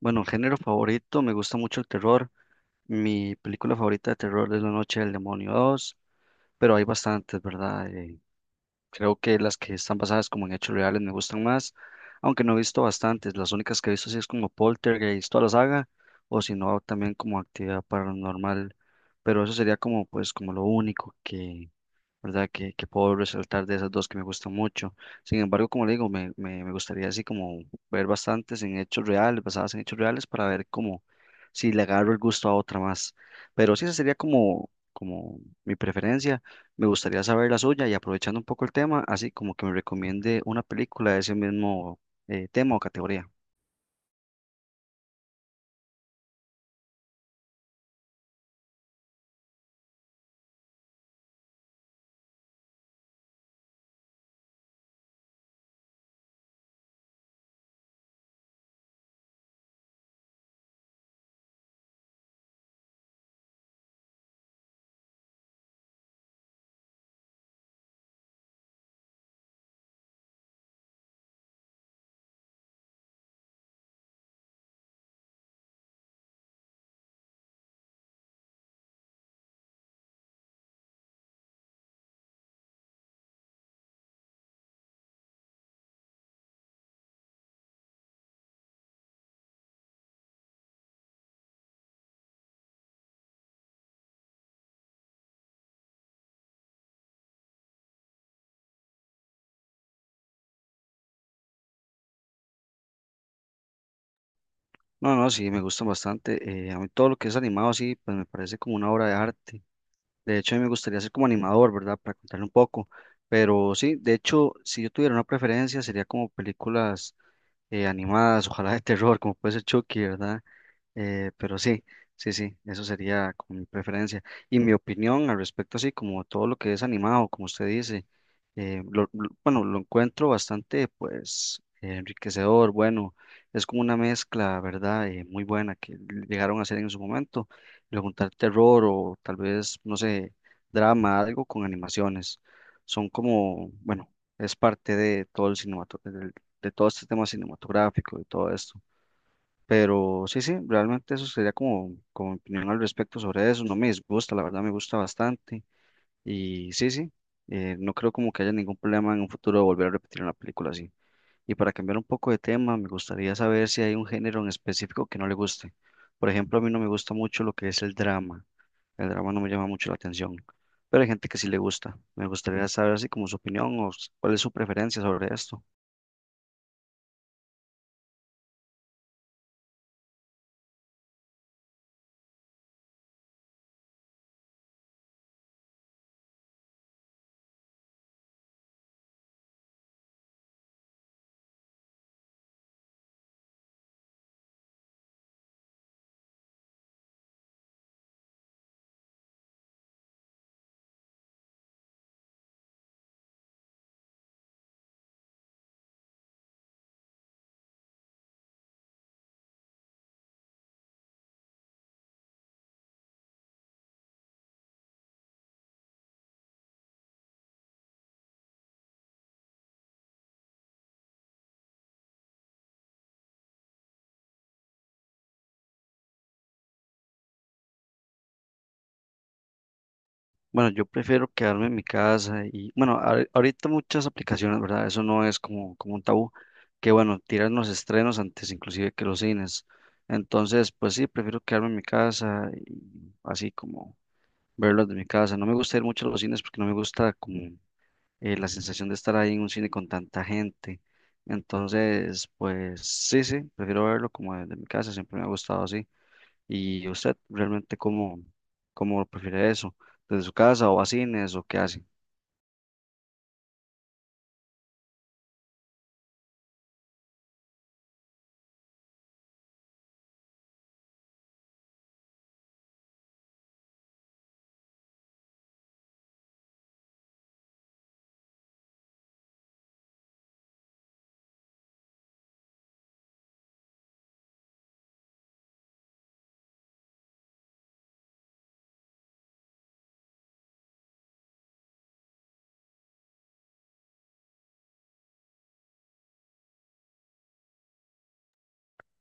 Bueno, género favorito, me gusta mucho el terror. Mi película favorita de terror es La Noche del Demonio dos, pero hay bastantes, ¿verdad? Creo que las que están basadas como en hechos reales me gustan más, aunque no he visto bastantes. Las únicas que he visto sí es como Poltergeist, toda la saga, o si no, también como Actividad Paranormal, pero eso sería como, pues, como lo único que, ¿verdad? Que puedo resaltar de esas dos que me gustan mucho. Sin embargo, como le digo, me gustaría así como ver bastantes en hechos reales, basadas en hechos reales, para ver cómo, si le agarro el gusto a otra más. Pero sí, esa sería como, como mi preferencia. Me gustaría saber la suya y aprovechando un poco el tema, así como que me recomiende una película de ese mismo tema o categoría. No, no, sí, me gustan bastante. A mí todo lo que es animado, sí, pues me parece como una obra de arte. De hecho, a mí me gustaría ser como animador, ¿verdad? Para contarle un poco. Pero sí, de hecho, si yo tuviera una preferencia, sería como películas animadas, ojalá de terror, como puede ser Chucky, ¿verdad? Pero sí, sí, eso sería como mi preferencia. Y mi opinión al respecto, así como todo lo que es animado, como usted dice, bueno, lo encuentro bastante, pues, enriquecedor, bueno, es como una mezcla, ¿verdad? Muy buena que llegaron a hacer en su momento, le juntar terror o tal vez, no sé, drama, algo con animaciones. Son como, bueno, es parte de todo el cinematográfico, de todo este tema cinematográfico y todo esto. Pero sí, sí, realmente eso sería como, como mi opinión al respecto sobre eso. No me disgusta, la verdad me gusta bastante. Y sí, sí, no creo como que haya ningún problema en un futuro de volver a repetir una película así. Y para cambiar un poco de tema, me gustaría saber si hay un género en específico que no le guste. Por ejemplo, a mí no me gusta mucho lo que es el drama. El drama no me llama mucho la atención, pero hay gente que sí le gusta. Me gustaría saber así como su opinión o cuál es su preferencia sobre esto. Bueno, yo prefiero quedarme en mi casa y bueno, ahorita muchas aplicaciones, ¿verdad? Eso no es como, como un tabú, que bueno, tiran los estrenos antes inclusive que los cines. Entonces, pues sí, prefiero quedarme en mi casa y así como verlos de mi casa. No me gusta ir mucho a los cines porque no me gusta como la sensación de estar ahí en un cine con tanta gente. Entonces, pues sí, sí, prefiero verlo como desde mi casa, siempre me ha gustado así. ¿Y usted realmente cómo, cómo prefiere eso? ¿Desde su casa o a cines o qué hace?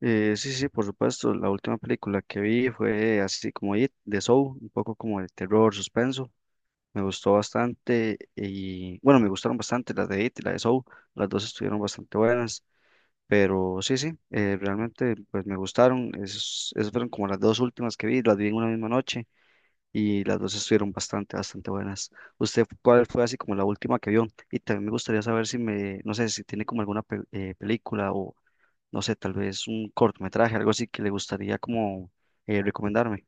Sí, sí, por supuesto. La última película que vi fue así como It, de Soul, un poco como de terror, suspenso. Me gustó bastante y bueno, me gustaron bastante las de It y la de Soul. Las dos estuvieron bastante buenas, pero sí, sí, realmente pues me gustaron. Esas fueron como las dos últimas que vi, las vi en una misma noche. Y las dos estuvieron bastante, bastante buenas. ¿Usted cuál fue así como la última que vio? Y también me gustaría saber si me, no sé, si tiene como alguna película o, no sé, tal vez un cortometraje, algo así que le gustaría como recomendarme.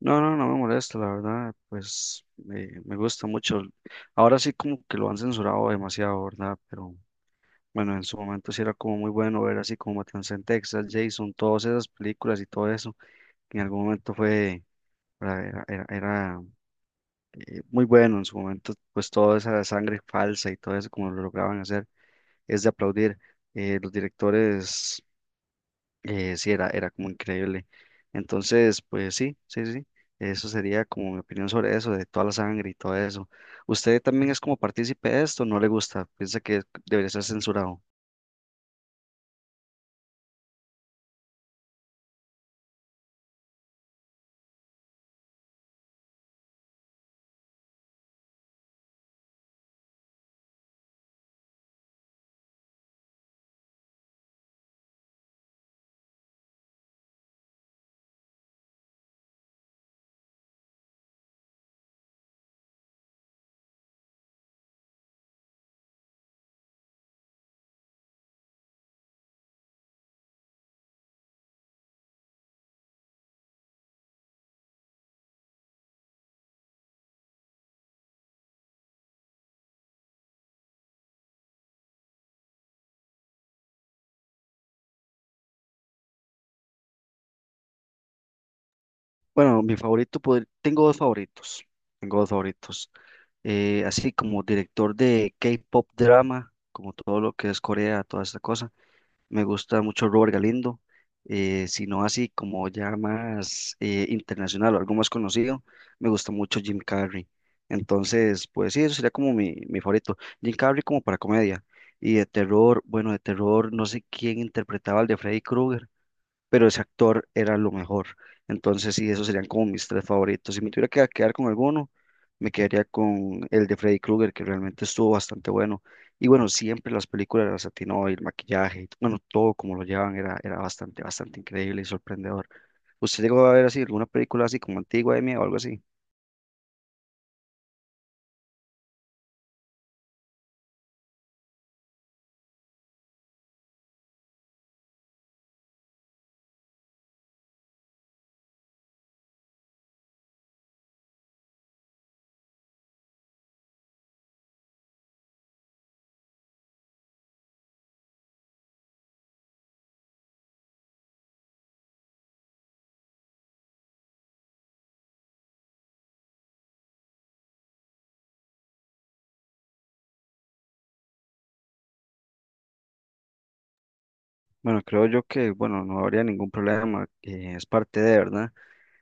No, no, no me molesta, la verdad, pues me gusta mucho. Ahora sí como que lo han censurado demasiado, ¿verdad? Pero bueno, en su momento sí era como muy bueno ver así como Matanza en Texas, Jason, todas esas películas y todo eso, que en algún momento fue, era muy bueno en su momento, pues toda esa sangre falsa y todo eso como lo lograban hacer, es de aplaudir. Los directores, sí, era como increíble. Entonces, pues sí, sí, eso sería como mi opinión sobre eso, de toda la sangre y todo eso. ¿Usted también es como partícipe de esto? ¿No le gusta? ¿Piensa que debería ser censurado? Bueno, mi favorito, tengo dos favoritos, tengo dos favoritos. Así como director de K-pop drama, como todo lo que es Corea, toda esta cosa. Me gusta mucho Robert Galindo, si no así como ya más internacional o algo más conocido, me gusta mucho Jim Carrey. Entonces, pues sí, eso sería como mi favorito. Jim Carrey como para comedia. Y de terror, bueno, de terror, no sé quién interpretaba al de Freddy Krueger, pero ese actor era lo mejor. Entonces, sí, esos serían como mis tres favoritos. Si me tuviera que quedar con alguno, me quedaría con el de Freddy Krueger, que realmente estuvo bastante bueno. Y bueno, siempre las películas las atinó, y el maquillaje, y bueno, todo como lo llevan era, era bastante, bastante increíble y sorprendedor. ¿Usted llegó a ver así alguna película así como antigua de mí o algo así? Bueno, creo yo que, bueno, no habría ningún problema, es parte de, ¿verdad?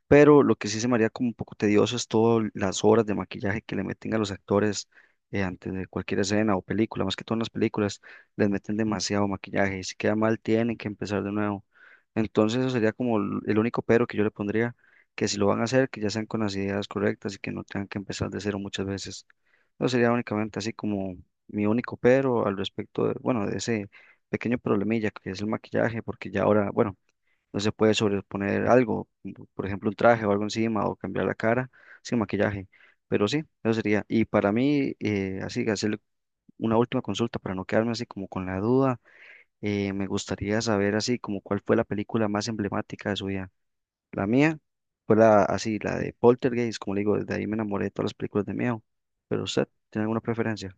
Pero lo que sí se me haría como un poco tedioso es todas las horas de maquillaje que le meten a los actores antes de cualquier escena o película, más que todas las películas, les meten demasiado maquillaje y si queda mal tienen que empezar de nuevo. Entonces eso sería como el único pero que yo le pondría, que si lo van a hacer, que ya sean con las ideas correctas y que no tengan que empezar de cero muchas veces. Eso sería únicamente así como mi único pero al respecto de, bueno, de ese pequeño problemilla que es el maquillaje, porque ya ahora, bueno. No se puede sobreponer algo, como por ejemplo un traje o algo encima o cambiar la cara sin maquillaje. Pero sí, eso sería. Y para mí, así, hacerle una última consulta para no quedarme así como con la duda, me gustaría saber así como cuál fue la película más emblemática de su vida. La mía fue la, así, la de Poltergeist, como le digo, desde ahí me enamoré de todas las películas de miedo. Pero usted, ¿tiene alguna preferencia?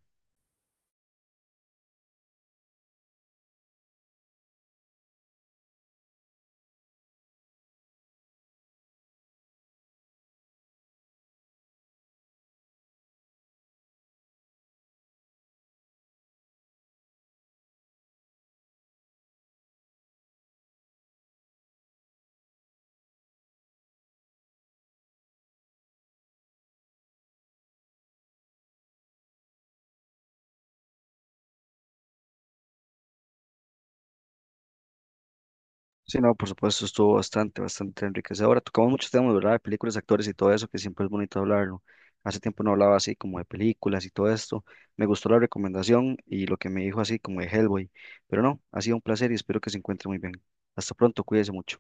Sí, no, por supuesto, estuvo bastante, bastante enriquecedora. Tocamos muchos temas, ¿verdad? De películas, actores y todo eso, que siempre es bonito hablarlo. Hace tiempo no hablaba así como de películas y todo esto. Me gustó la recomendación y lo que me dijo así como de Hellboy. Pero no, ha sido un placer y espero que se encuentre muy bien. Hasta pronto, cuídese mucho.